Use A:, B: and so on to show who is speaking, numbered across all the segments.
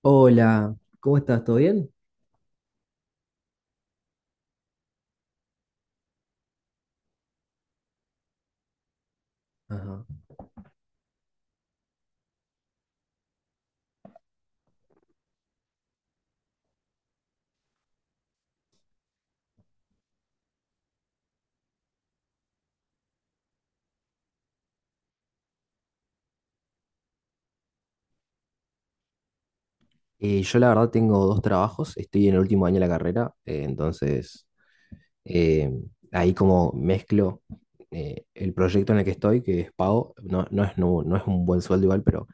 A: Hola, ¿cómo estás? ¿Todo bien? Ajá. Yo la verdad tengo dos trabajos, estoy en el último año de la carrera, entonces eh, ahí como mezclo el proyecto en el que estoy, que es pago, no es un buen sueldo igual, pero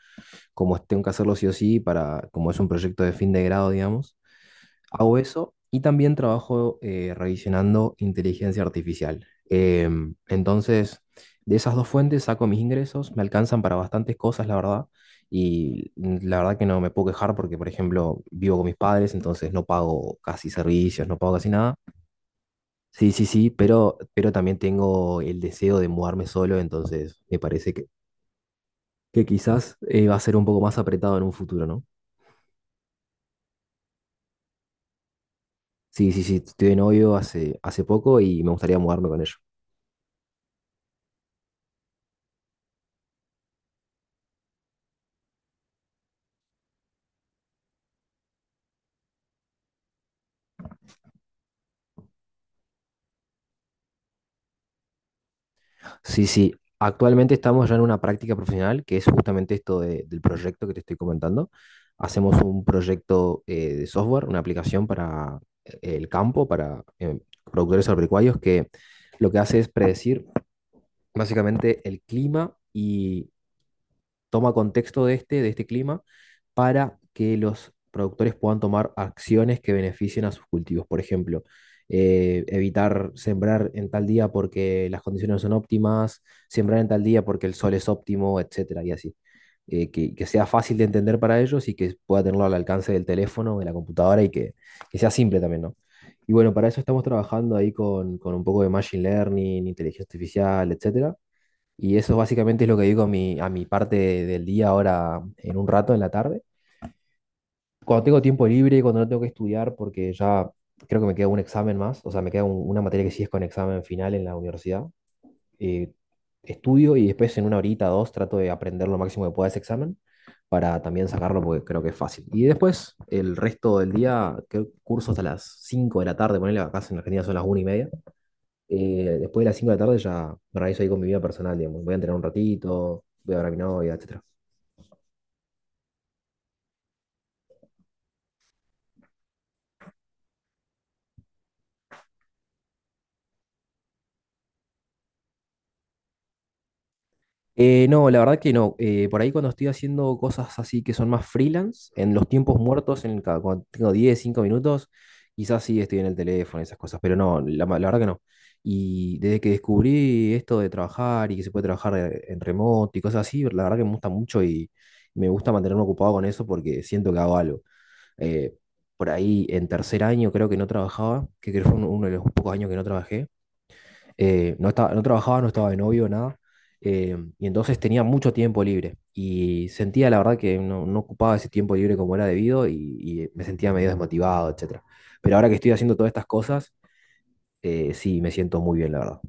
A: como tengo que hacerlo sí o sí, para, como es un proyecto de fin de grado, digamos, hago eso y también trabajo revisionando inteligencia artificial. Entonces, de esas dos fuentes saco mis ingresos, me alcanzan para bastantes cosas, la verdad, y la verdad que no me puedo quejar porque, por ejemplo, vivo con mis padres, entonces no pago casi servicios, no pago casi nada. Sí, sí, sí, pero también tengo el deseo de mudarme solo, entonces me parece que quizás va a ser un poco más apretado en un futuro, ¿no? Sí, sí, sí, estoy de novio hace poco y me gustaría mudarme con ella. Sí, sí. Actualmente estamos ya en una práctica profesional que es justamente esto del proyecto que te estoy comentando. Hacemos un proyecto de software, una aplicación para el campo, para productores agropecuarios, que lo que hace es predecir básicamente el clima y toma contexto de este clima, para que los productores puedan tomar acciones que beneficien a sus cultivos. Por ejemplo, evitar sembrar en tal día porque las condiciones no son óptimas, sembrar en tal día porque el sol es óptimo, etcétera, y así. Que sea fácil de entender para ellos y que pueda tenerlo al alcance del teléfono, de la computadora y que sea simple también, ¿no? Y bueno, para eso estamos trabajando ahí con un poco de machine learning, inteligencia artificial, etcétera, y eso básicamente es lo que digo a a mi parte del día ahora en un rato, en la tarde. Cuando tengo tiempo libre, cuando no tengo que estudiar, porque ya creo que me queda un examen más, o sea, me queda una materia que sí es con examen final en la universidad, eh, estudio y después en una horita, dos, trato de aprender lo máximo que pueda ese examen para también sacarlo porque creo que es fácil. Y después, el resto del día, creo que curso hasta las 5 de la tarde, ponele acá en Argentina son las una y media. Después de las 5 de la tarde ya me organizo ahí con mi vida personal, digamos. Voy a entrenar un ratito, voy a ver a mi novia, etcétera. No, la verdad que no. Por ahí cuando estoy haciendo cosas así que son más freelance, en los tiempos muertos, en el cuando tengo 10 5 minutos, quizás sí estoy en el teléfono, esas cosas, pero no, la verdad que no. Y desde que descubrí esto de trabajar y que se puede trabajar en remoto y cosas así, la verdad que me gusta mucho y me gusta mantenerme ocupado con eso porque siento que hago algo. Eh, por ahí en tercer año creo que no trabajaba, que creo que fue uno de los pocos años que no trabajé. No trabajaba, no estaba de novio, nada. Y entonces tenía mucho tiempo libre y sentía la verdad que no ocupaba ese tiempo libre como era debido y me sentía medio desmotivado, etcétera. Pero ahora que estoy haciendo todas estas cosas, sí, me siento muy bien, la verdad.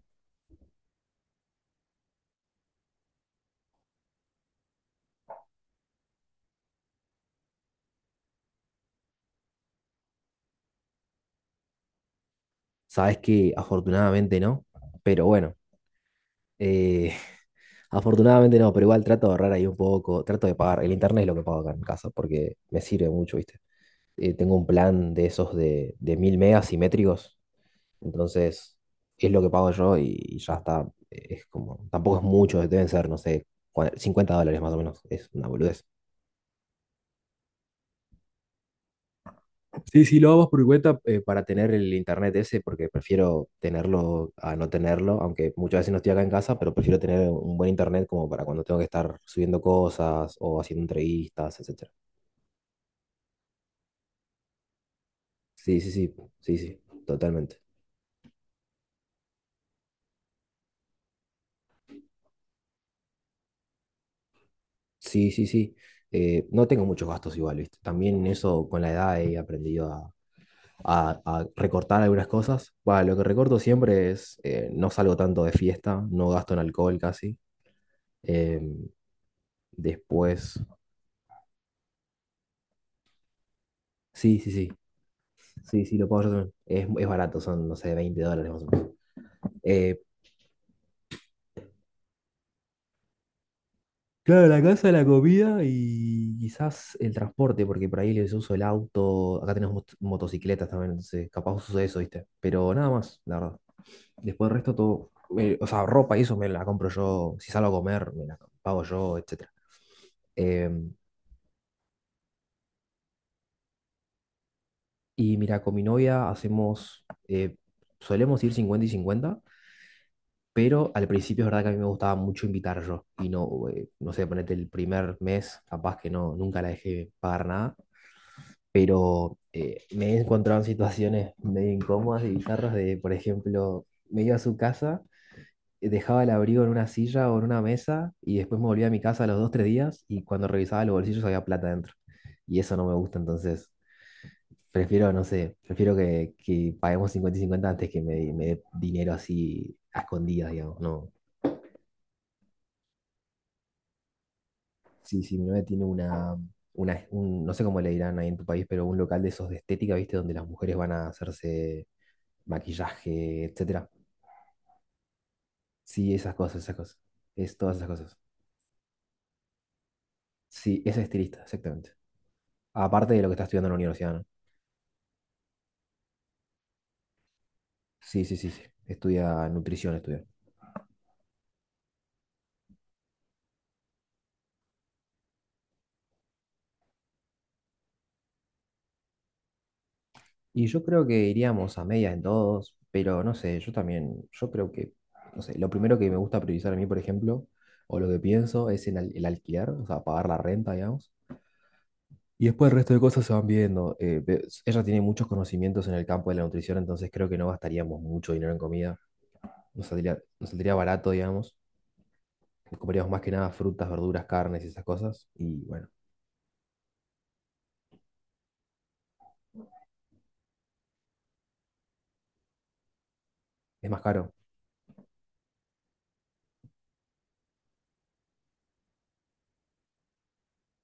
A: Sabes que afortunadamente no, pero bueno, eh, afortunadamente no, pero igual trato de ahorrar ahí un poco, trato de pagar. El internet es lo que pago acá en casa porque me sirve mucho, ¿viste? Tengo un plan de esos de 1000 megas simétricos, entonces es lo que pago yo y ya está, es como, tampoco es mucho, deben ser, no sé, $50 más o menos, es una boludez. Sí, sí, lo hago por mi cuenta para tener el internet ese, porque prefiero tenerlo a no tenerlo, aunque muchas veces no estoy acá en casa, pero prefiero tener un buen internet como para cuando tengo que estar subiendo cosas o haciendo entrevistas, etcétera. Sí, sí, sí, sí, sí, totalmente. Sí, sí, sí. No tengo muchos gastos igual, ¿viste? También eso con la edad he aprendido a, a recortar algunas cosas. Bah, lo que recorto siempre es, no salgo tanto de fiesta, no gasto en alcohol casi. Em, Después, sí, sí, sí, sí, sí, lo pago yo también. Es barato, son, no sé, 20 dólares más o menos. Eh, claro, la casa, la comida y quizás el transporte, porque por ahí les uso el auto. Acá tenemos motocicletas también, entonces capaz uso eso, ¿viste? Pero nada más, la verdad. Después el resto todo, o sea, ropa y eso me la compro yo, si salgo a comer, me la pago yo, etc. Em, y mira, con mi novia hacemos, solemos ir 50 y cincuenta, pero al principio es verdad que a mí me gustaba mucho invitar yo y no, no sé, ponete el primer mes, capaz que no, nunca la dejé pagar nada, pero me he encontrado en situaciones medio incómodas y bizarras de, por ejemplo, me iba a su casa dejaba el abrigo en una silla o en una mesa y después me volvía a mi casa a los dos, tres días y cuando revisaba los bolsillos había plata dentro. Y eso no me gusta, entonces prefiero, no sé, prefiero que paguemos 50 y 50 antes que me dé dinero así a escondidas, digamos. No, sí, sí, mi novia tiene una no sé cómo le dirán ahí en tu país, pero un local de esos de estética, ¿viste? Donde las mujeres van a hacerse maquillaje, etcétera. Sí, esas cosas, esas cosas. Es todas esas cosas. Sí, es estilista, exactamente. Aparte de lo que está estudiando en la universidad, ¿no? Sí, sí, sí, sí. Estudia nutrición, estudia. Y yo creo que iríamos a medias en todos, pero no sé, yo también, yo creo que, no sé, lo primero que me gusta priorizar a mí, por ejemplo, o lo que pienso es en el alquiler, o sea, pagar la renta, digamos. Y después el resto de cosas se van viendo. Ella tiene muchos conocimientos en el campo de la nutrición, entonces creo que no gastaríamos mucho dinero en comida. Nos saldría barato, digamos. Comeríamos más que nada frutas, verduras, carnes y esas cosas. Y bueno, es más caro.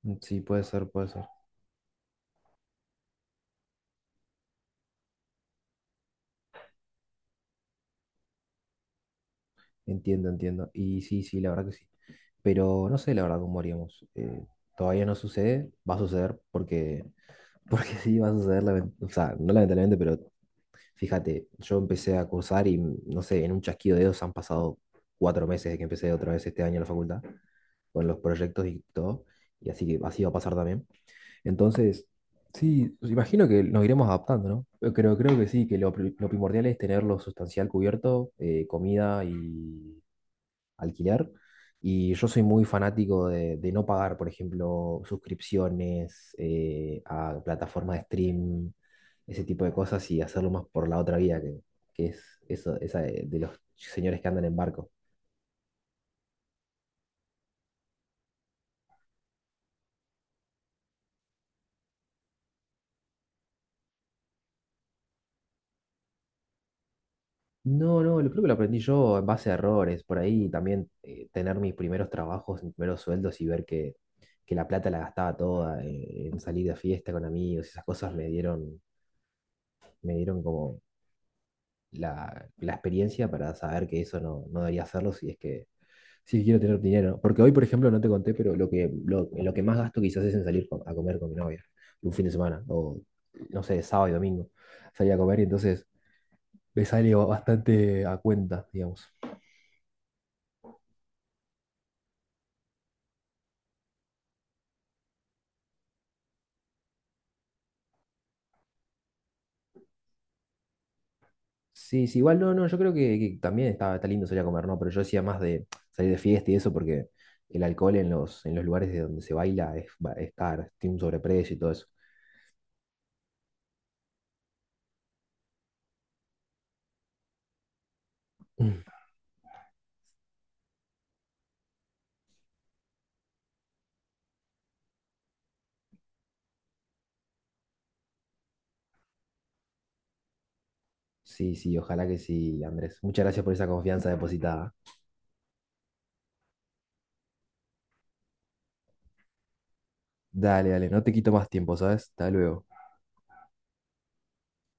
A: Mm, sí, puede ser, puede ser. Entiendo, entiendo. Y sí, sí, la verdad que sí. Pero no sé la verdad cómo haríamos. Todavía no sucede, va a suceder porque, porque sí va a suceder, o sea, no lamentablemente, pero fíjate, yo empecé a cursar y no sé, en un chasquido de dedos han pasado cuatro meses desde que empecé otra vez este año en la facultad con los proyectos y todo, y así que así va a pasar también. Entonces, sí, pues, imagino que nos iremos adaptando, ¿no? Yo creo, creo que sí, que lo primordial es tener lo sustancial cubierto, comida y, alquilar. Y yo soy muy fanático de no pagar, por ejemplo, suscripciones a plataformas de stream, ese tipo de cosas y hacerlo más por la otra vía, que es eso, esa de los señores que andan en barco. No, no, lo creo que lo aprendí yo en base a errores, por ahí también tener mis primeros trabajos, mis primeros sueldos y ver que la plata la gastaba toda en salir de fiesta con amigos, esas cosas me dieron como la experiencia para saber que eso no, no debería hacerlo si es que si quiero tener dinero. Porque hoy, por ejemplo, no te conté, pero lo que más gasto quizás es en salir a comer con mi novia un fin de semana, o no sé, sábado y domingo, salir a comer y entonces me sale bastante a cuenta, digamos. Sí, sí, igual no, no, yo creo que también está, está lindo salir a comer, ¿no? Pero yo decía más de salir de fiesta y eso porque el alcohol en los lugares de donde se baila es, es caro, tiene un sobreprecio y todo eso. Sí, sí, ojalá que sí, Andrés. Muchas gracias por esa confianza depositada. Dale, dale, no te quito más tiempo, ¿sabes? Hasta luego.